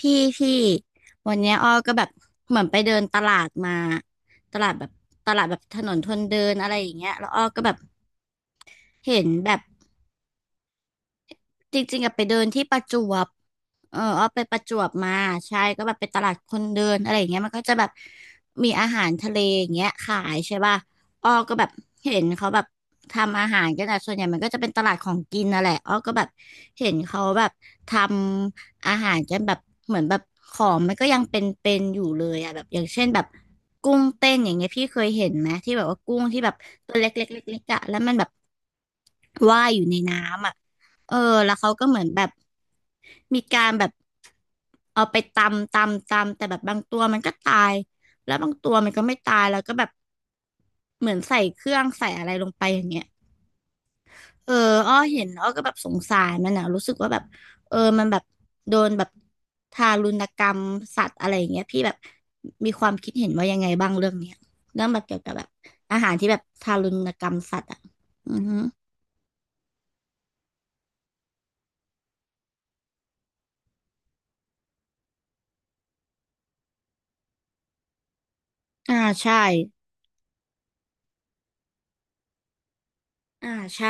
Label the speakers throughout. Speaker 1: พี่พี่วันเนี้ยอ้อก็แบบเหมือนไปเดินตลาดมาตลาดแบบตลาดแบบถนนคนเดินอะไรอย่างเงี้ยแล้วอ้อก็แบบเห็นแบบ จริงๆอะไปเดินที่ประจวบเออเอาไปประจวบมาใช่ก็แบบไปตลาดคนเดินอะไรอย่างเงี้ยมันก็จะแบบมีอาหารทะเลอย่างเงี้ยขายใช่ป่ะอ้อก็แบบเห็นเขาแบบทำอาหารกันอะส่วนใหญ่มันก็จะเป็นตลาดของกินนั่นแหละอ้อก็แบบเห็นเขาแบบทำอาหารกันแบบเหมือนแบบของมันก็ยังเป็นอยู่เลยอะแบบอย่างเช่นแบบกุ้งเต้นอย่างเงี้ยพี่เคยเห็นไหมที่แบบว่ากุ้งที่แบบตัวเล็กๆๆๆอะแล้วมันแบบว่ายอยู่ในน้ำอะ เออแล้วเขาก็เหมือนแบบมีการแบบเอาไปตำแต่แบบบางตัวมันก็ตายแล้วบางตัวมันก็ไม่ตายแล้วก็แบบเหมือนใส่เครื่องใส่อะไรลงไปอย่างเงี้ยเอออ้อเห็นอ้อก็แบบสงสารมันนะรู้สึกว่าแบบเออมันแบบโดนแบบทารุณกรรมสัตว์อะไรอย่างเงี้ยพี่แบบมีความคิดเห็นว่ายังไงบ้างเรื่องเนี้ยเรื่องแบบเกี่ยวกับแบบอาหารที่แบบทารุณกรรมสัตว์อ่ะอือฮึอ่าใช่อ่าใช่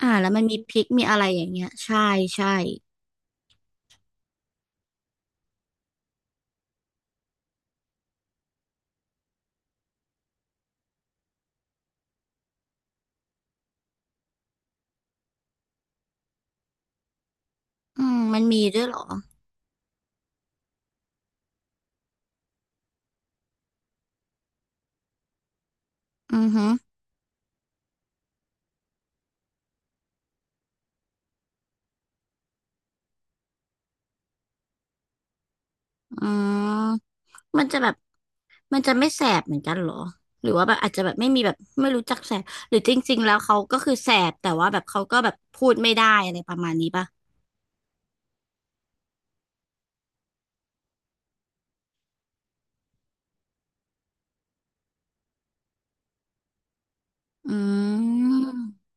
Speaker 1: อ่าแล้วมันมีพริกมีอะไรอย่างเงี้ยใช่ใช่อืมมันมีด้วยเหรออือฮึอืมมันจะแบบมันจะไม่แสบเหมือนกันเหรอหรือว่าแบบอาจจะแบบไม่มีแบบไม่รู้จักแสบหรือจริงๆแล้วเขาก็คือแสบแต่ว่าแบบเขาก็แบบพูดไม่ได้อะไรประมาณนี้ป่ะอืม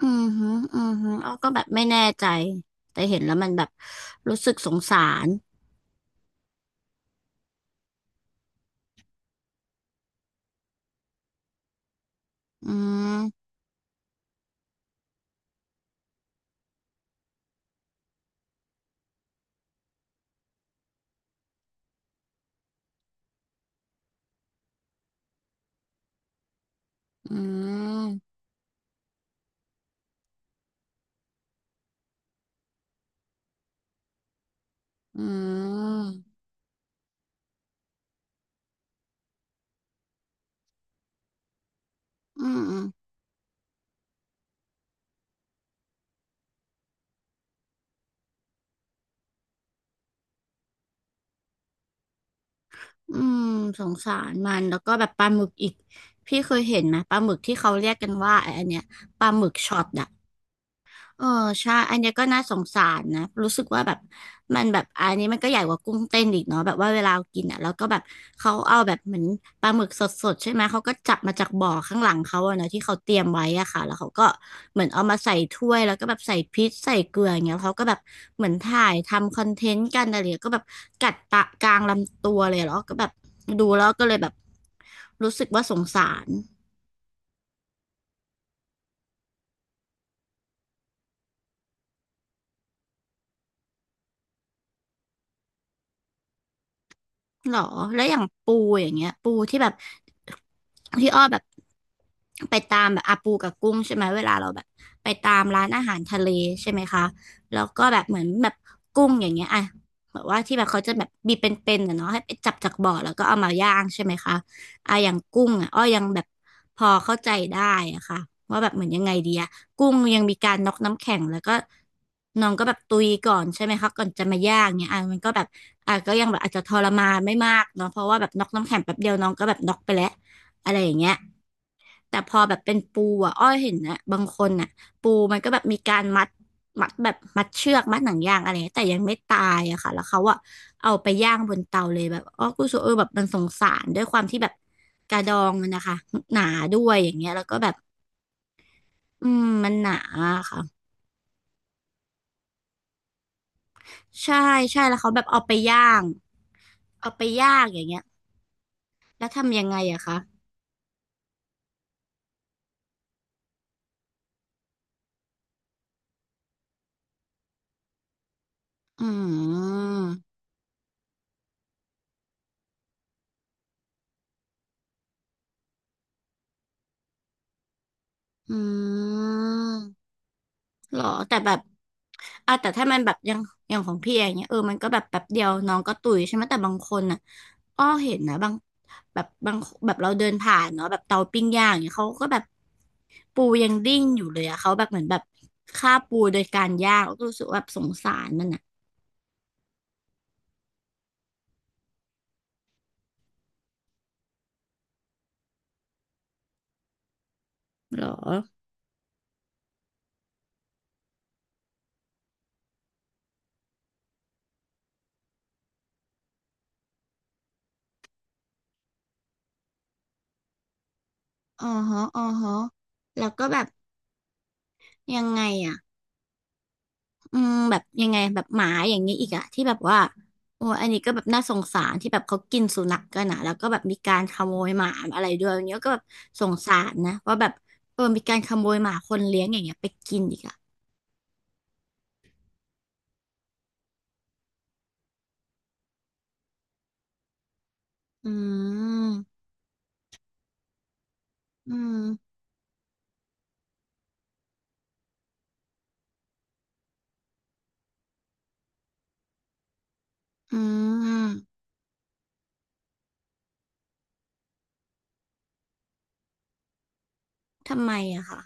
Speaker 1: อือฮึอือฮึอ้อก็แบบไม่แน่ใจแต่เห็นแล้วมันแบบรู้สึกสงสารอืมอืมอืมอืม อืมสงสารมันแล้วก็แบบปลาหมึกอีกพี่เคยเห็นไหมปลาหมึกที่เขาเรียกกันว่าไอ้อันเนี้ยปลาหมึกช็อตอะ เออใช่ อันเนี้ยก็น่าสงสารนะรู้สึกว่าแบบมันแบบอันนี้มันก็ใหญ่กว่ากุ้งเต้นอีกเนาะแบบว่าเวลากินอ่ะแล้วก็แบบเขาเอาแบบเหมือนปลาหมึกสดๆใช่ไหมเขาก็จับมาจากบ่อข้างหลังเขาอะเนาะที่เขาเตรียมไว้อะค่ะแล้วเขาก็เหมือนเอามาใส่ถ้วยแล้วก็แบบใส่พริกใส่เกลืออย่างเงี้ยเขาก็แบบเหมือนถ่ายทำคอนเทนต์กันอะไรอย่างเงี้ยก็แบบกัดตะกลางลำตัวเลยแล้วก็แบบดูแล้วก็เลยแบบรู้สึกว่าสงสาร หรอแล้วอย่างปูอย่างเงี้ยปูที่แบบที่อ้อแบบไปตามแบบอาปูกับกุ้งใช่ไหมเวลาเราแบบไปตามร้านอาหารทะเลใช่ไหมคะแล้วก็แบบเหมือนแบบกุ้งอย่างเงี้ยอ่ะแบบว่าที่แบบเขาจะแบบบีเป็นๆนะเนาะให้ไปจับจากบ่อแล้วก็เอามาย่างใช่ไหมคะ อ่ะอย่างกุ้งอ่ะอ้อยังแบบพอเข้าใจได้อะค่ะว่าแบบเหมือนยังไงดีอะกุ้งยังมีการน็อกน้ำแข็งแล้วก็น้องก็แบบตุยก่อนใช่ไหมคะก่อนจะมาย่างเนี่ยอ่ะมันก็แบบอ่ะก็ยังแบบอาจจะทรมานไม่มากเนาะเพราะว่าแบบน็อกน้ำแข็งแป๊บเดียวน้องก็แบบน็อกไปแล้วอะไรอย่างเงี้ย แต่พอแบบเป็นปูอ่ะอ้อยเห็นนะบางคนอ่ะปูมันก็แบบมีการมัดมัดแบบมัดเชือกมัดหนังยางอะไรเงี้ยแต่ยังไม่ตายอะค่ะแล้วเขาอ่ะเอาไปย่างบนเตาเลยแบบอ้อกูรู้สึกเออแบบมันสงสารด้วยความที่แบบกระดองมันนะคะหนาด้วยอย่างเงี้ยแล้วก็แบบอืมมันหนาอะค่ะใช่ใช่แล้วเขาแบบเอาไปย่างอย่างเงี้ยแล้วทำยังไงอะคะอืมอืม หรอแต่แบบอ่ะแต่ถ้ามันแบบอย่างอย่างของพี่อย่างเงี้ยเออมันก็แบบแป๊บเดียวน้องก็ตุยใช่ไหมแต่บางคนน่ะอ้อเห็นนะบางแบบบางแบบเราเดินผ่านเนาะแบบเตาปิ้งย่างอย่างเงี้ยเขาก็แบบปูยังดิ้นอยู่เลยอะเขาแบบเหมือนแบบฆ่าปูโดยการย่างก็รู้สึกว่าแบบสงสารมันอะหรออ๋อฮะแล้วก็แบบยังไงอะ อืมแบบยังไงแบบหมาอย่างนี้อีกอะที่แบบว่าโอ้อันนี้ก็แบบน่าสงสารที่แบบเขากินสุนัขกันอะแล้วก็แบบมีการขโมยหมาอะไรด้วยอย่างเงี้ยก็แบบสงสารนะว่าแบบเออมีการขโมยหมาคนเลี้ยงอย่างเงี้ยไปกินอีกอะอืมอืมอืมทำไมอะคะ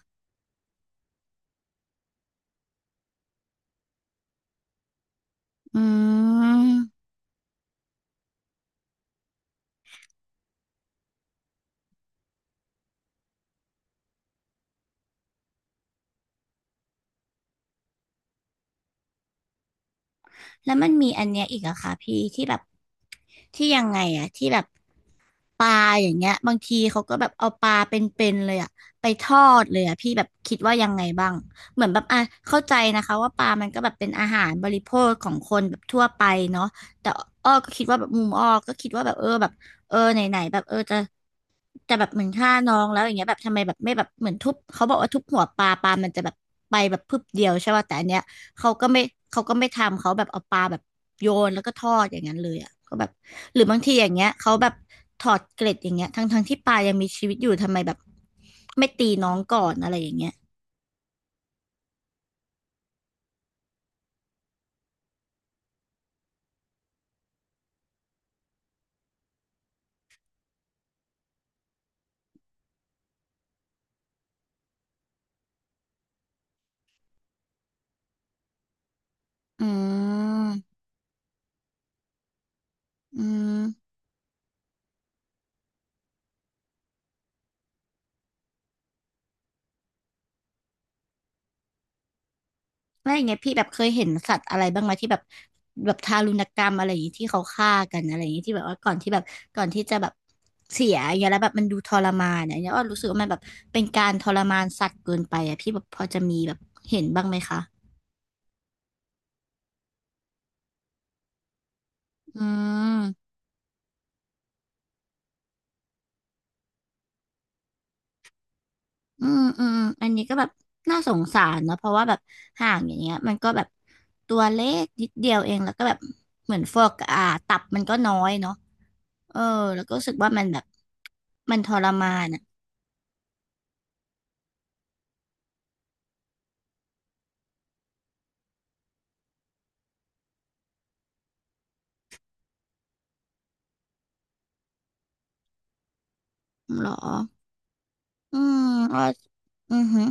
Speaker 1: อืม แล้วมันมีอันเนี้ยอีกอะค่ะพี่ที่แบบที่ยังไงอะที่แบบปลาอย่างเงี้ยบางทีเขาก็แบบเอาปลาเป็นๆเลยอะไปทอดเลยอะพี่แบบคิดว่ายังไงบ้างเหมือนแบบอ่ะเข้าใจนะคะว่าปลามันก็แบบเป็นอาหารบริโภคของคนแบบทั่วไปเนาะแต่อ้อก็คิดว่าแบบมุมอ้อก็คิดว่าแบบเออแบบเออไหนๆแบบเออจะ แต่แบบเหมือนฆ่าน้องแล้วอย่างเงี้ยแบบทำไมแบบไม่แบบเหมือนทุบเขาบอกว่าทุบหัวปลาปลามันจะแบบไปแบบพึบเดียวใช่ป่ะแต่อันเนี้ยเขาก็ไม่เขาก็ไม่ทำเขาแบบเอาปลาแบบโยนแล้วก็ทอดอย่างนั้นเลยอ่ะก็แบบหรือบางทีอย่างเงี้ยเขาแบบถอดเกล็ดอย่างเงี้ยทั้งที่ปลายังมีชีวิตอยู่ทำไมแบบไม่ตีน้องก่อนอะไรอย่างเงี้ยอืมอืม แล้วอย่างเงี้ยพี่แบบเคยเห็นสัตว์อะไรบ้างไหมที่แบบแบบทารุณกรรมอะไรอย่างงี้ที่เขาฆ่ากันอะไรอย่างงี้ที่แบบว่าก่อนที่แบบก่อนที่จะแบบเสียอย่างเงี้ยแล้วแบบมันดูทรมานเนี่ยเนี่ยอ้อรู้สึกว่ามันแบบเป็นการทรมานสัตว์เกินไปอ่ะพี่แบบพอจะมีแบบเห็นบ้างไหมคะอืมอืมอืมอันนี้ก็แบบน่าสงสารเนอะเพราะว่าแบบห่างอย่างเงี้ยมันก็แบบตัวเล็กนิดเดียวเองแล้วก็แบบเหมือนฟอกอ่าตับมันก็น้อยเนาะเออแล้วก็รู้สึกว่ามันแบบมันทรมาน เหรอ อืมอ้ออือหือ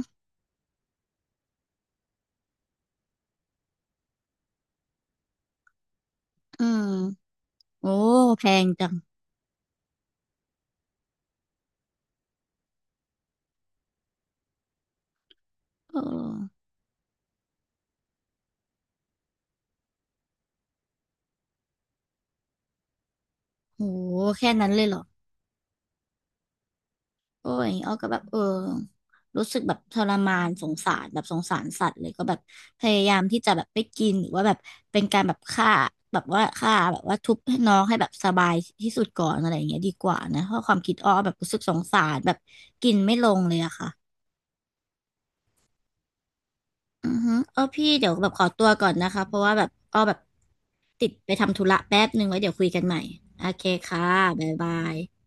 Speaker 1: อืม โอ้แพงจังเออโหแค่นั้นเลยเหรอโอ้ยอ้อก็แบบเออรู้สึกแบบทรมานสงสารแบบสงสารสัตว์เลยก็แบบพยายามที่จะแบบไปกินหรือว่าแบบเป็นการแบบฆ่าแบบว่าฆ่าแบบว่าทุบให้น้องให้แบบสบายที่สุดก่อนอะไรอย่างเงี้ยดีกว่านะเพราะความคิดอ้อแบบรู้สึกสงสารแบบกินไม่ลงเลยอะค่ะ อือฮึเออพี่เดี๋ยวแบบขอตัวก่อนนะคะ เพราะว่าแบบอ้อแบบติดไปทำธุระแป๊บนึงไว้เดี๋ยวคุยกันใหม่ โอเคค่ะบ๊ายบาย